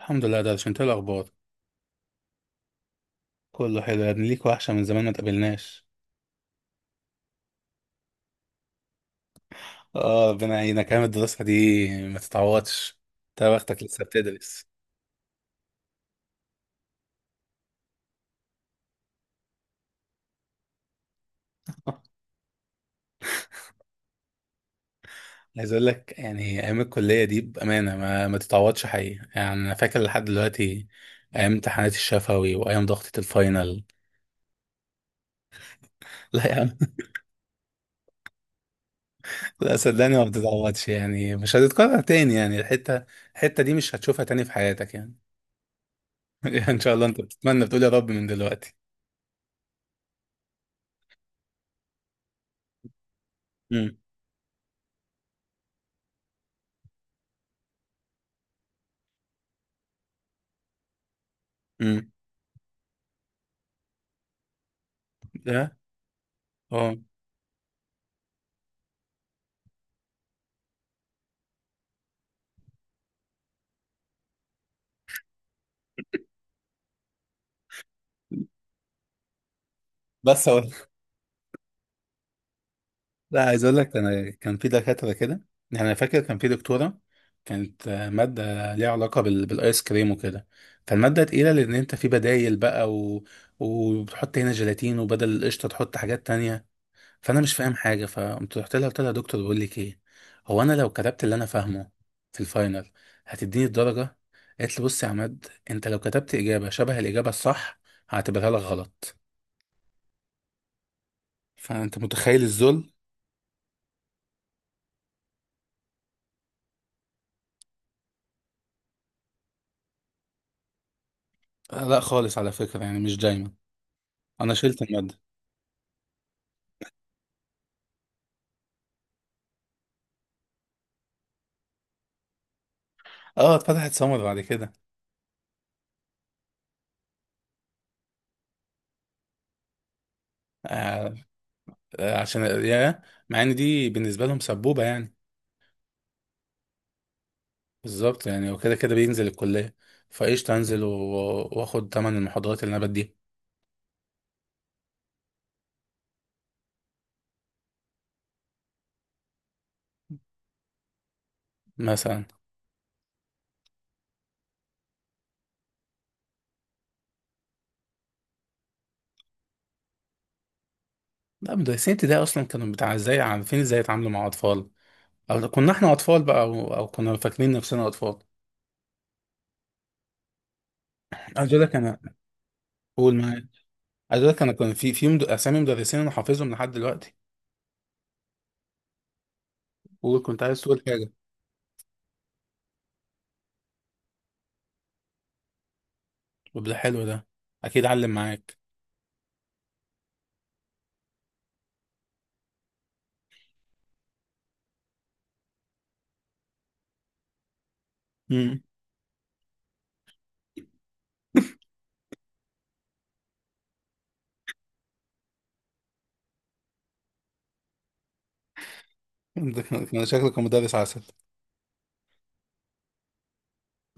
الحمد لله، ده انت إيه الاخبار؟ كله حلو يا ابني، ليك وحشه من زمان ما تقابلناش. اه، ربنا يعينك. ايام الدراسه دي ما تتعوضش. انت بختك لسه بتدرس. عايز اقول لك يعني ايام الكليه دي بامانه ما تتعوضش حقيقي، يعني انا فاكر لحد دلوقتي ايام امتحانات الشفوي وايام ضغطه الفاينل. لا يا عم. لا صدقني ما بتتعوضش، يعني مش هتتكرر تاني. يعني الحته دي مش هتشوفها تاني في حياتك يعني. ان شاء الله. انت بتتمنى بتقول يا رب من دلوقتي. امم. امم. ده. اه. بس. لا، عايز اقول لك انا كان في دكاتره كده. يعني انا فاكر كان في دكتوره، كانت، ماده ليها علاقه بالايس كريم وكده. فالماده تقيله لان انت في بدايل بقى، و... وبتحط هنا جيلاتين وبدل القشطه تحط حاجات تانية. فانا مش فاهم حاجه، فقمت رحت لها قلت لها: يا دكتور، بقول لك ايه، هو انا لو كتبت اللي انا فاهمه في الفاينل هتديني الدرجه؟ قالت لي: بص يا عماد، انت لو كتبت اجابه شبه الاجابه الصح هعتبرها لك غلط. فانت متخيل الذل. لا خالص، على فكره يعني، مش دايما. انا شلت الماده. اه، اتفتحت سمر بعد كده. آه. عشان يا، مع ان دي بالنسبه لهم سبوبه يعني. بالظبط يعني، وكده كده بينزل الكليه. فايش انزل واخد تمن المحاضرات اللي انا بديها. مثلا. لا مدرسين ابتدائي اصلا كانوا بتاع ازاي، عارفين ازاي يتعاملوا مع اطفال. او لو كنا احنا اطفال بقى، أو كنا فاكرين نفسنا اطفال. عايز اقول لك انا. قول معايا. عايز اقول لك انا كان في اسامي مدرسين انا حافظهم لحد دلوقتي. وكنت عايز تقول حاجه. طب ده حلو ده، اكيد علم معاك. ده كان شكله كان مدرس عسل.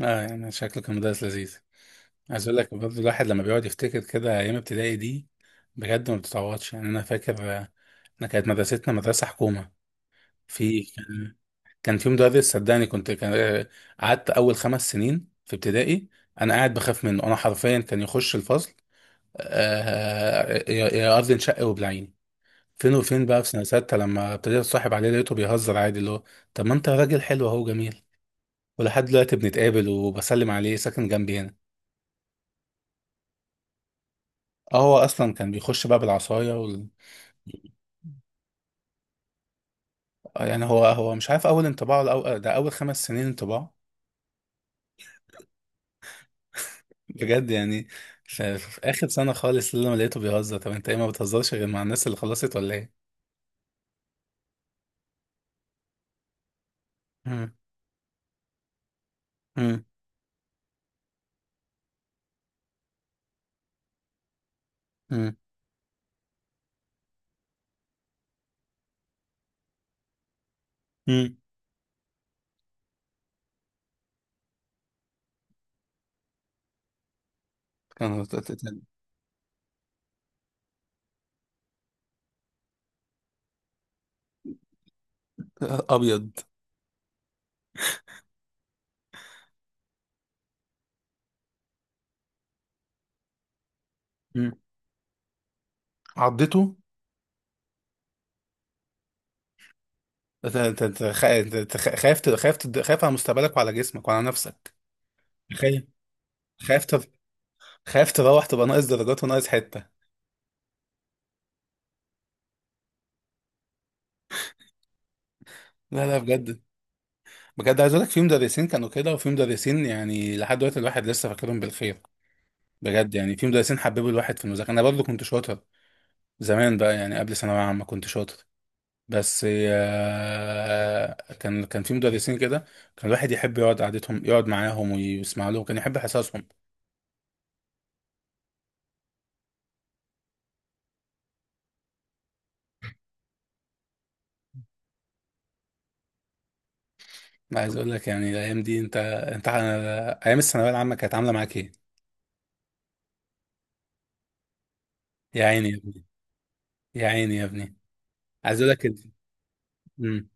اه يعني شكله كان مدرس لذيذ. عايز اقول لك برضه، الواحد لما بيقعد يفتكر كده ايام ابتدائي دي بجد ما بتتعوضش، يعني انا فاكر. انا كانت مدرستنا مدرسه حكومه. في كان كان في مدرس، صدقني كنت كان، قعدت اول 5 سنين في ابتدائي انا قاعد بخاف منه، انا حرفيا كان يخش الفصل. يا ارض انشق وبلعيني. فين وفين بقى، في سنه سته لما ابتديت اتصاحب عليه لقيته بيهزر عادي، اللي هو طب ما انت راجل حلو اهو جميل. ولحد دلوقتي بنتقابل وبسلم عليه، ساكن جنبي هنا. اه هو اصلا كان بيخش بقى بالعصايه يعني هو مش عارف اول انطباع ولا ده اول 5 سنين انطباع. بجد يعني، في اخر سنه خالص اللي انا لقيته بيهزر: طب انت ايه، ما بتهزرش غير مع الناس اللي خلصت ولا ايه. مم. مم. مم. مم. كان ت- ت- ت- ابيض. مم. عضته. أنت خ- خايف ت- خايف تد- خايف على مستقبلك وعلى جسمك وعلى نفسك. خايف. خايف تر- خايف تروح تبقى ناقص درجات وناقص حته. لا لا بجد. بجد عايز اقول لك في مدرسين كانوا كده، وفي مدرسين يعني لحد دلوقتي الواحد لسه فاكرهم بالخير. بجد يعني، في مدرسين حببوا الواحد في المذاكره. انا برضو كنت شاطر زمان بقى، يعني قبل ثانويه عامه كنت شاطر. بس كان في مدرسين كده، كان الواحد يحب يقعد قعدتهم، يقعد معاهم ويسمع لهم، كان يحب حصصهم. عايز اقول لك يعني الايام دي، انت انت ايام الثانويه العامه كانت عامله معاك ايه؟ يا عيني يا ابني. يا عيني يا ابني. عايز اقول لك ال- مم.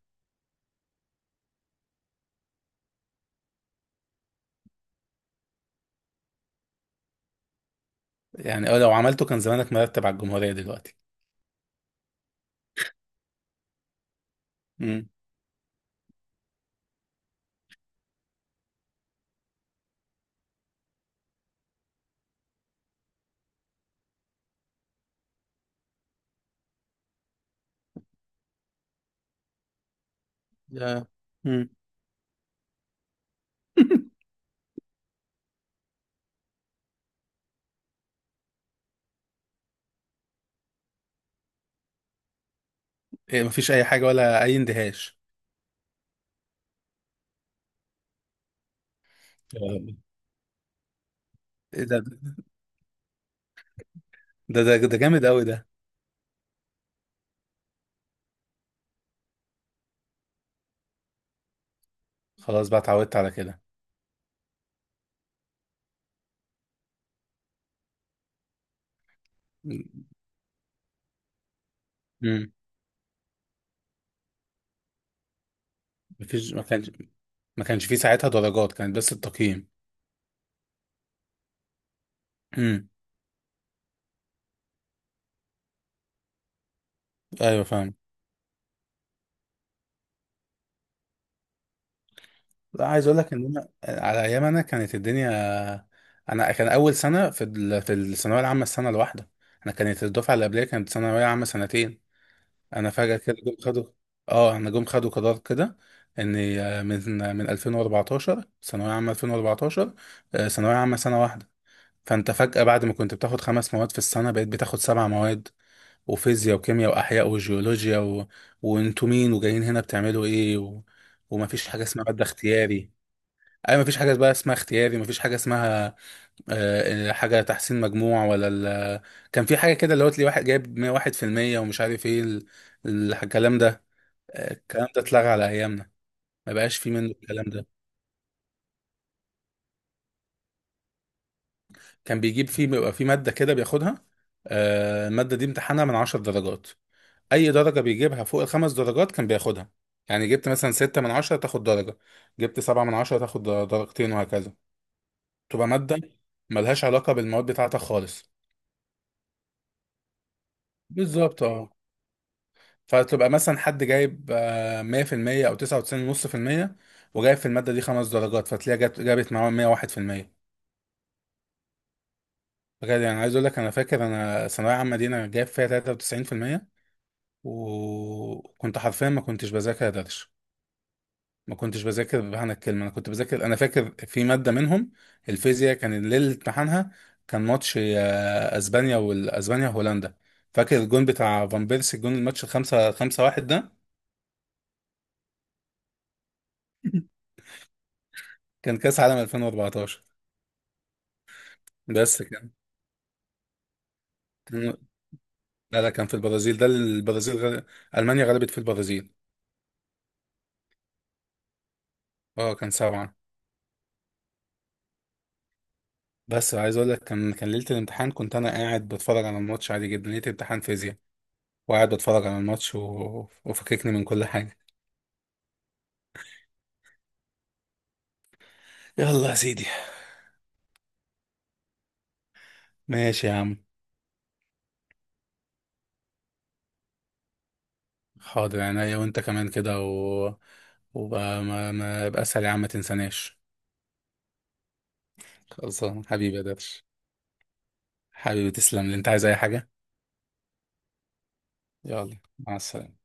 يعني لو عملته كان زمانك مرتب على الجمهوريه دلوقتي. مم. يا مم. إيه مفيش اي حاجه ولا اي اندهاش؟ آه، إيه ده. ده جامد قوي ده. خلاص بقى اتعودت على كده. امم. مفيش، ما كانش في ساعتها درجات، كانت بس التقييم. امم. ايوه فاهم. لا، عايز اقول لك ان انا، على ايام انا كانت الدنيا، انا كان اول سنه في الثانويه العامه السنه الواحده. انا كانت الدفعه اللي قبليه كانت ثانويه عامه سنتين. انا فجأة كده جم خدوا، اه انا جم خدوا قرار كده ان من 2014، ثانوية عامة 2014، ثانوية عامة سنة واحدة. فانت فجأة بعد ما كنت بتاخد خمس مواد في السنة بقيت بتاخد سبع مواد، وفيزياء وكيمياء واحياء وجيولوجيا، و... وانتوا مين وجايين هنا بتعملوا ايه. و... ومفيش حاجة اسمها مادة اختياري. اي مفيش حاجة بقى اسمها اختياري، مفيش حاجة اسمها حاجة تحسين مجموع ولا ال... كان في حاجة كده اللي هو تلاقي واحد جايب 101% ومش عارف ايه ال... الكلام ده. الكلام ده اتلغى على ايامنا، ما بقاش فيه منه الكلام ده. كان بيجيب فيه، بيبقى فيه ماده كده بياخدها. الماده دي امتحانها من 10 درجات، اي درجه بيجيبها فوق الخمس درجات كان بياخدها. يعني جبت مثلا 6 من 10 تاخد درجه، جبت 7 من 10 تاخد درجتين وهكذا. تبقى ماده ملهاش علاقه بالمواد بتاعتك خالص. بالظبط اه. فتبقى مثلا حد جايب 100% او 99.5%، وجايب في الماده دي خمس درجات فتلاقيها جابت معاه 101%. بجد يعني، عايز اقول لك انا فاكر انا ثانويه عامه دي انا جايب فيها 93%. وكنت حرفيا ما كنتش بذاكر درش، ما كنتش بذاكر بمعنى الكلمه. انا كنت بذاكر، انا فاكر في ماده منهم الفيزياء كان ليله امتحانها كان ماتش اسبانيا والاسبانيا وهولندا. فاكر الجون بتاع فان بيرسي، الجون الماتش الخمسة واحد ده. كان كاس عالم 2014. بس كان كان- لا لا كان في البرازيل، ده البرازيل المانيا غلبت في البرازيل. اه كان سبعه. بس عايز اقول لك، كان ليله الامتحان كنت انا قاعد بتفرج على الماتش عادي جدا، ليله امتحان فيزياء وقاعد بتفرج على الماتش، و... وفككني من كل حاجه. يلا يا سيدي. ماشي يا عم. حاضر عينيا، وانت كمان كده، و... وبقى ما يبقى اسهل يا عم، ما تنساناش. خلصان حبيبي يا درش. حبيبي تسلم لي، انت عايز اي حاجه؟ يلا مع السلامه.